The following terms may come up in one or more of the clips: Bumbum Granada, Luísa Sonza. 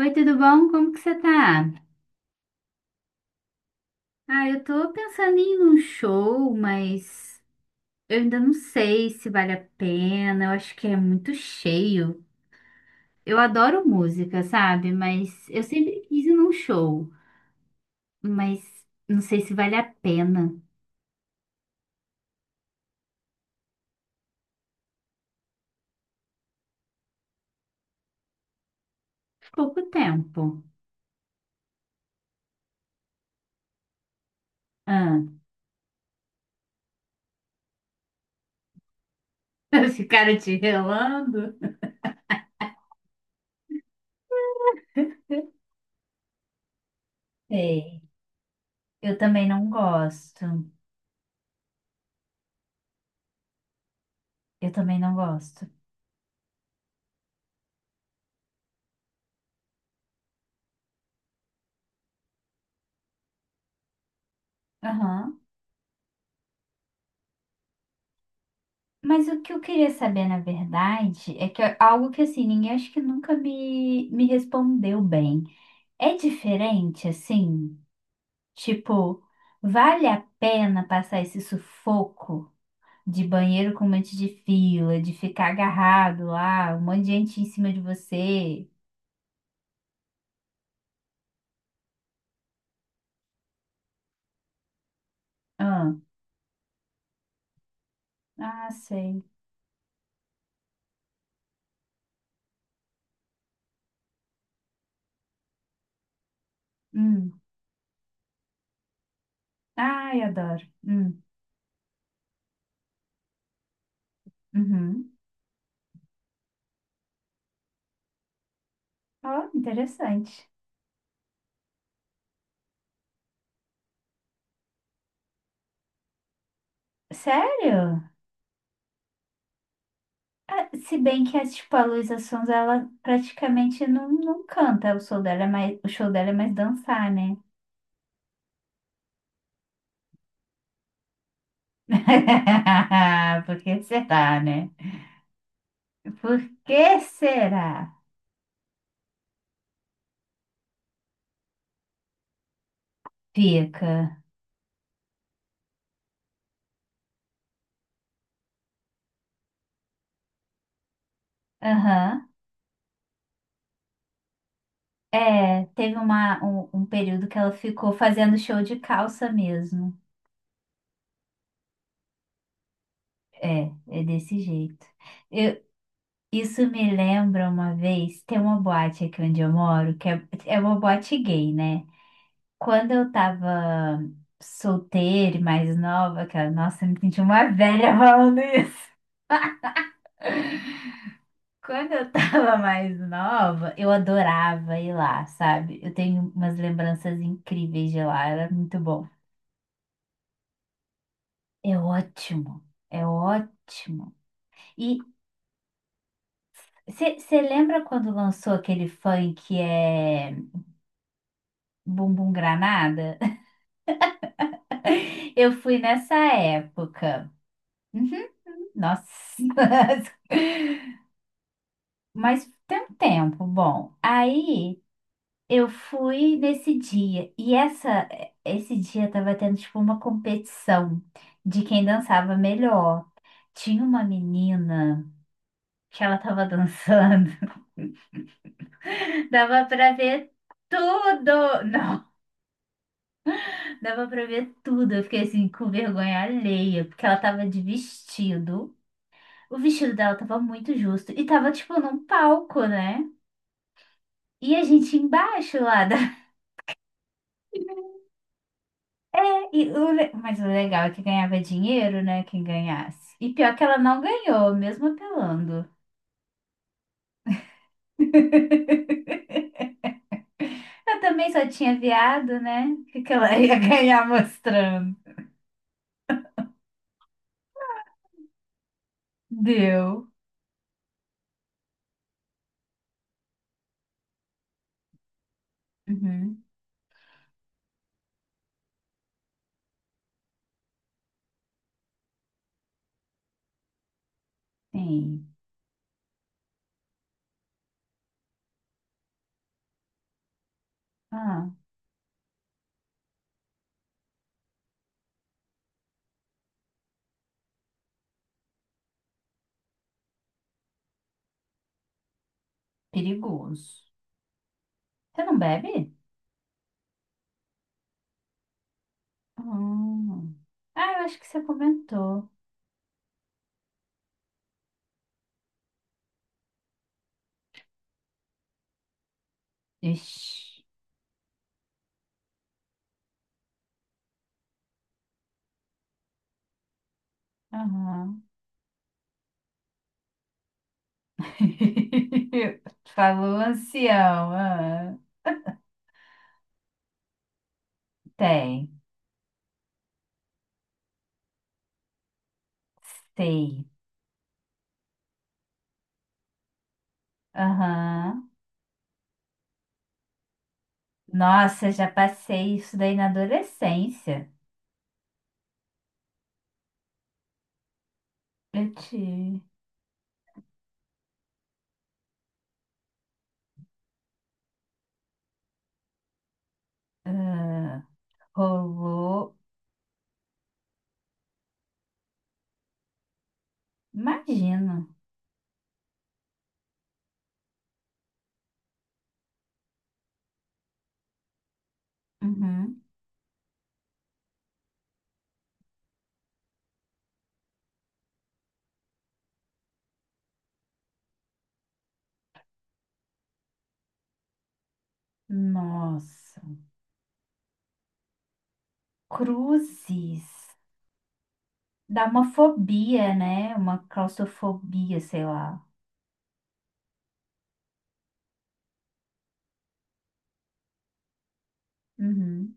Oi, tudo bom? Como que você tá? Ah, eu tô pensando em ir num show, mas eu ainda não sei se vale a pena. Eu acho que é muito cheio. Eu adoro música, sabe? Mas eu sempre quis ir num show, mas não sei se vale a pena. Pouco tempo. Ah, ficaram te relando? Sei. Eu também não gosto. Eu também não gosto. Aham. Mas o que eu queria saber, na verdade, é que é algo que assim, ninguém acho que nunca me respondeu bem. É diferente, assim? Tipo, vale a pena passar esse sufoco de banheiro com um monte de fila, de ficar agarrado lá, um monte de gente em cima de você? Ah, ah, sei. Hum. Ai, adoro. Hum. Uhum. Oh, interessante. Sério? Ah, se bem que, é, tipo, a Luísa Sonza, ela praticamente não, não canta. O show dela é mais, o show dela é mais dançar, né? Por que será, né? Por que será? Fica. Aham. É, teve um período que ela ficou fazendo show de calça mesmo. É, é desse jeito. Eu, isso me lembra uma vez, tem uma boate aqui onde eu moro, que é, é uma boate gay, né? Quando eu tava solteira e mais nova, cara, nossa, eu me senti uma velha falando isso. Quando eu tava mais nova, eu adorava ir lá, sabe? Eu tenho umas lembranças incríveis de lá, era muito bom. É ótimo, é ótimo. E você lembra quando lançou aquele funk que é Bumbum Granada? Eu fui nessa época. Uhum, nossa. Mas tem um tempo, bom. Aí eu fui nesse dia e essa esse dia tava tendo tipo uma competição de quem dançava melhor. Tinha uma menina que ela tava dançando, dava pra ver tudo. Não, dava pra ver tudo. Eu fiquei assim com vergonha alheia, porque ela tava de vestido. O vestido dela tava muito justo e tava tipo num palco, né? E a gente embaixo lá. E o mas o legal é que ganhava dinheiro, né? Quem ganhasse. E pior que ela não ganhou, mesmo apelando. Eu também só tinha viado, né? O que que ela ia ganhar mostrando? Deu. Uhum. Sim. Ah, perigoso. Você não bebe? Hum. Ah, eu acho que você comentou. Ixi. Aham. Falou ancião. Ah, tem. Sei. Aham. Nossa, já passei isso daí na adolescência. Eu te. Ah, rolou. Imagino. Uhum. Nossa. Cruzes. Dá uma fobia, né? Uma claustrofobia, sei lá. Uhum.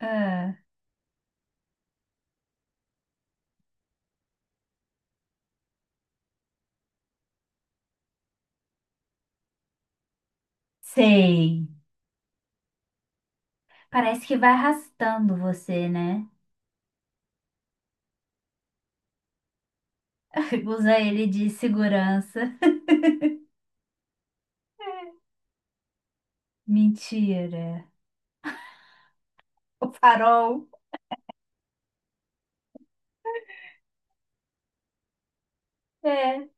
Ah, sei. Parece que vai arrastando você, né? Usa ele de segurança. É. Mentira. O farol. É.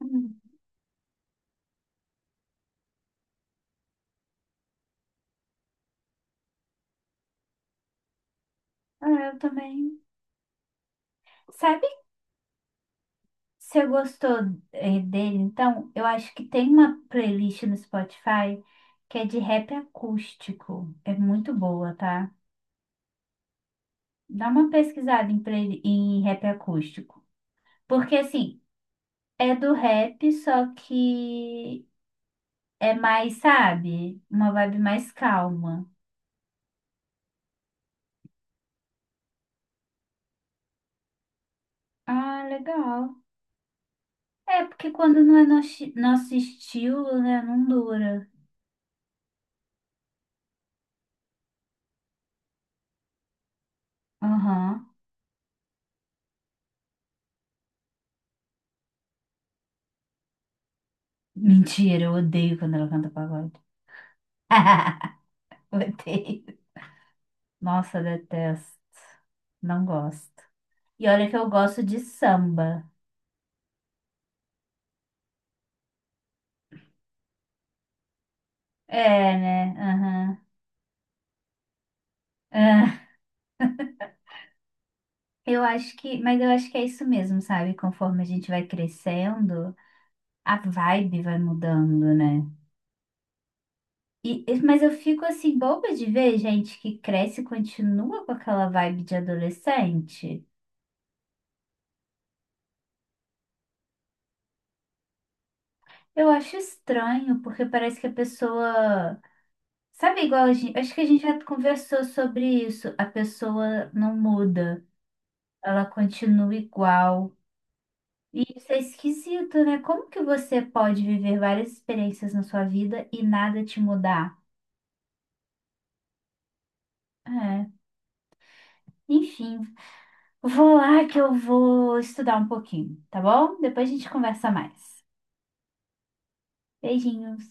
Hum. Ah, eu também. Sabe, você gostou, dele? Então, eu acho que tem uma playlist no Spotify que é de rap acústico. É muito boa, tá? Dá uma pesquisada em, em rap acústico. Porque, assim, é do rap, só que é mais, sabe? Uma vibe mais calma. Ah, legal. É, porque quando não é nosso estilo, né? Não dura. Aham. Mentira, eu odeio quando ela canta pagode. Odeio. Nossa, detesto. Não gosto. E olha que eu gosto de samba. É, né? Aham. Ah, eu acho que, mas eu acho que é isso mesmo, sabe? Conforme a gente vai crescendo, a vibe vai mudando, né? Mas eu fico assim, boba de ver gente que cresce e continua com aquela vibe de adolescente. Eu acho estranho, porque parece que a pessoa. Sabe, igual a gente. Acho que a gente já conversou sobre isso. A pessoa não muda. Ela continua igual. E isso é esquisito, né? Como que você pode viver várias experiências na sua vida e nada te mudar? É, enfim, vou lá que eu vou estudar um pouquinho, tá bom? Depois a gente conversa mais. Beijinhos.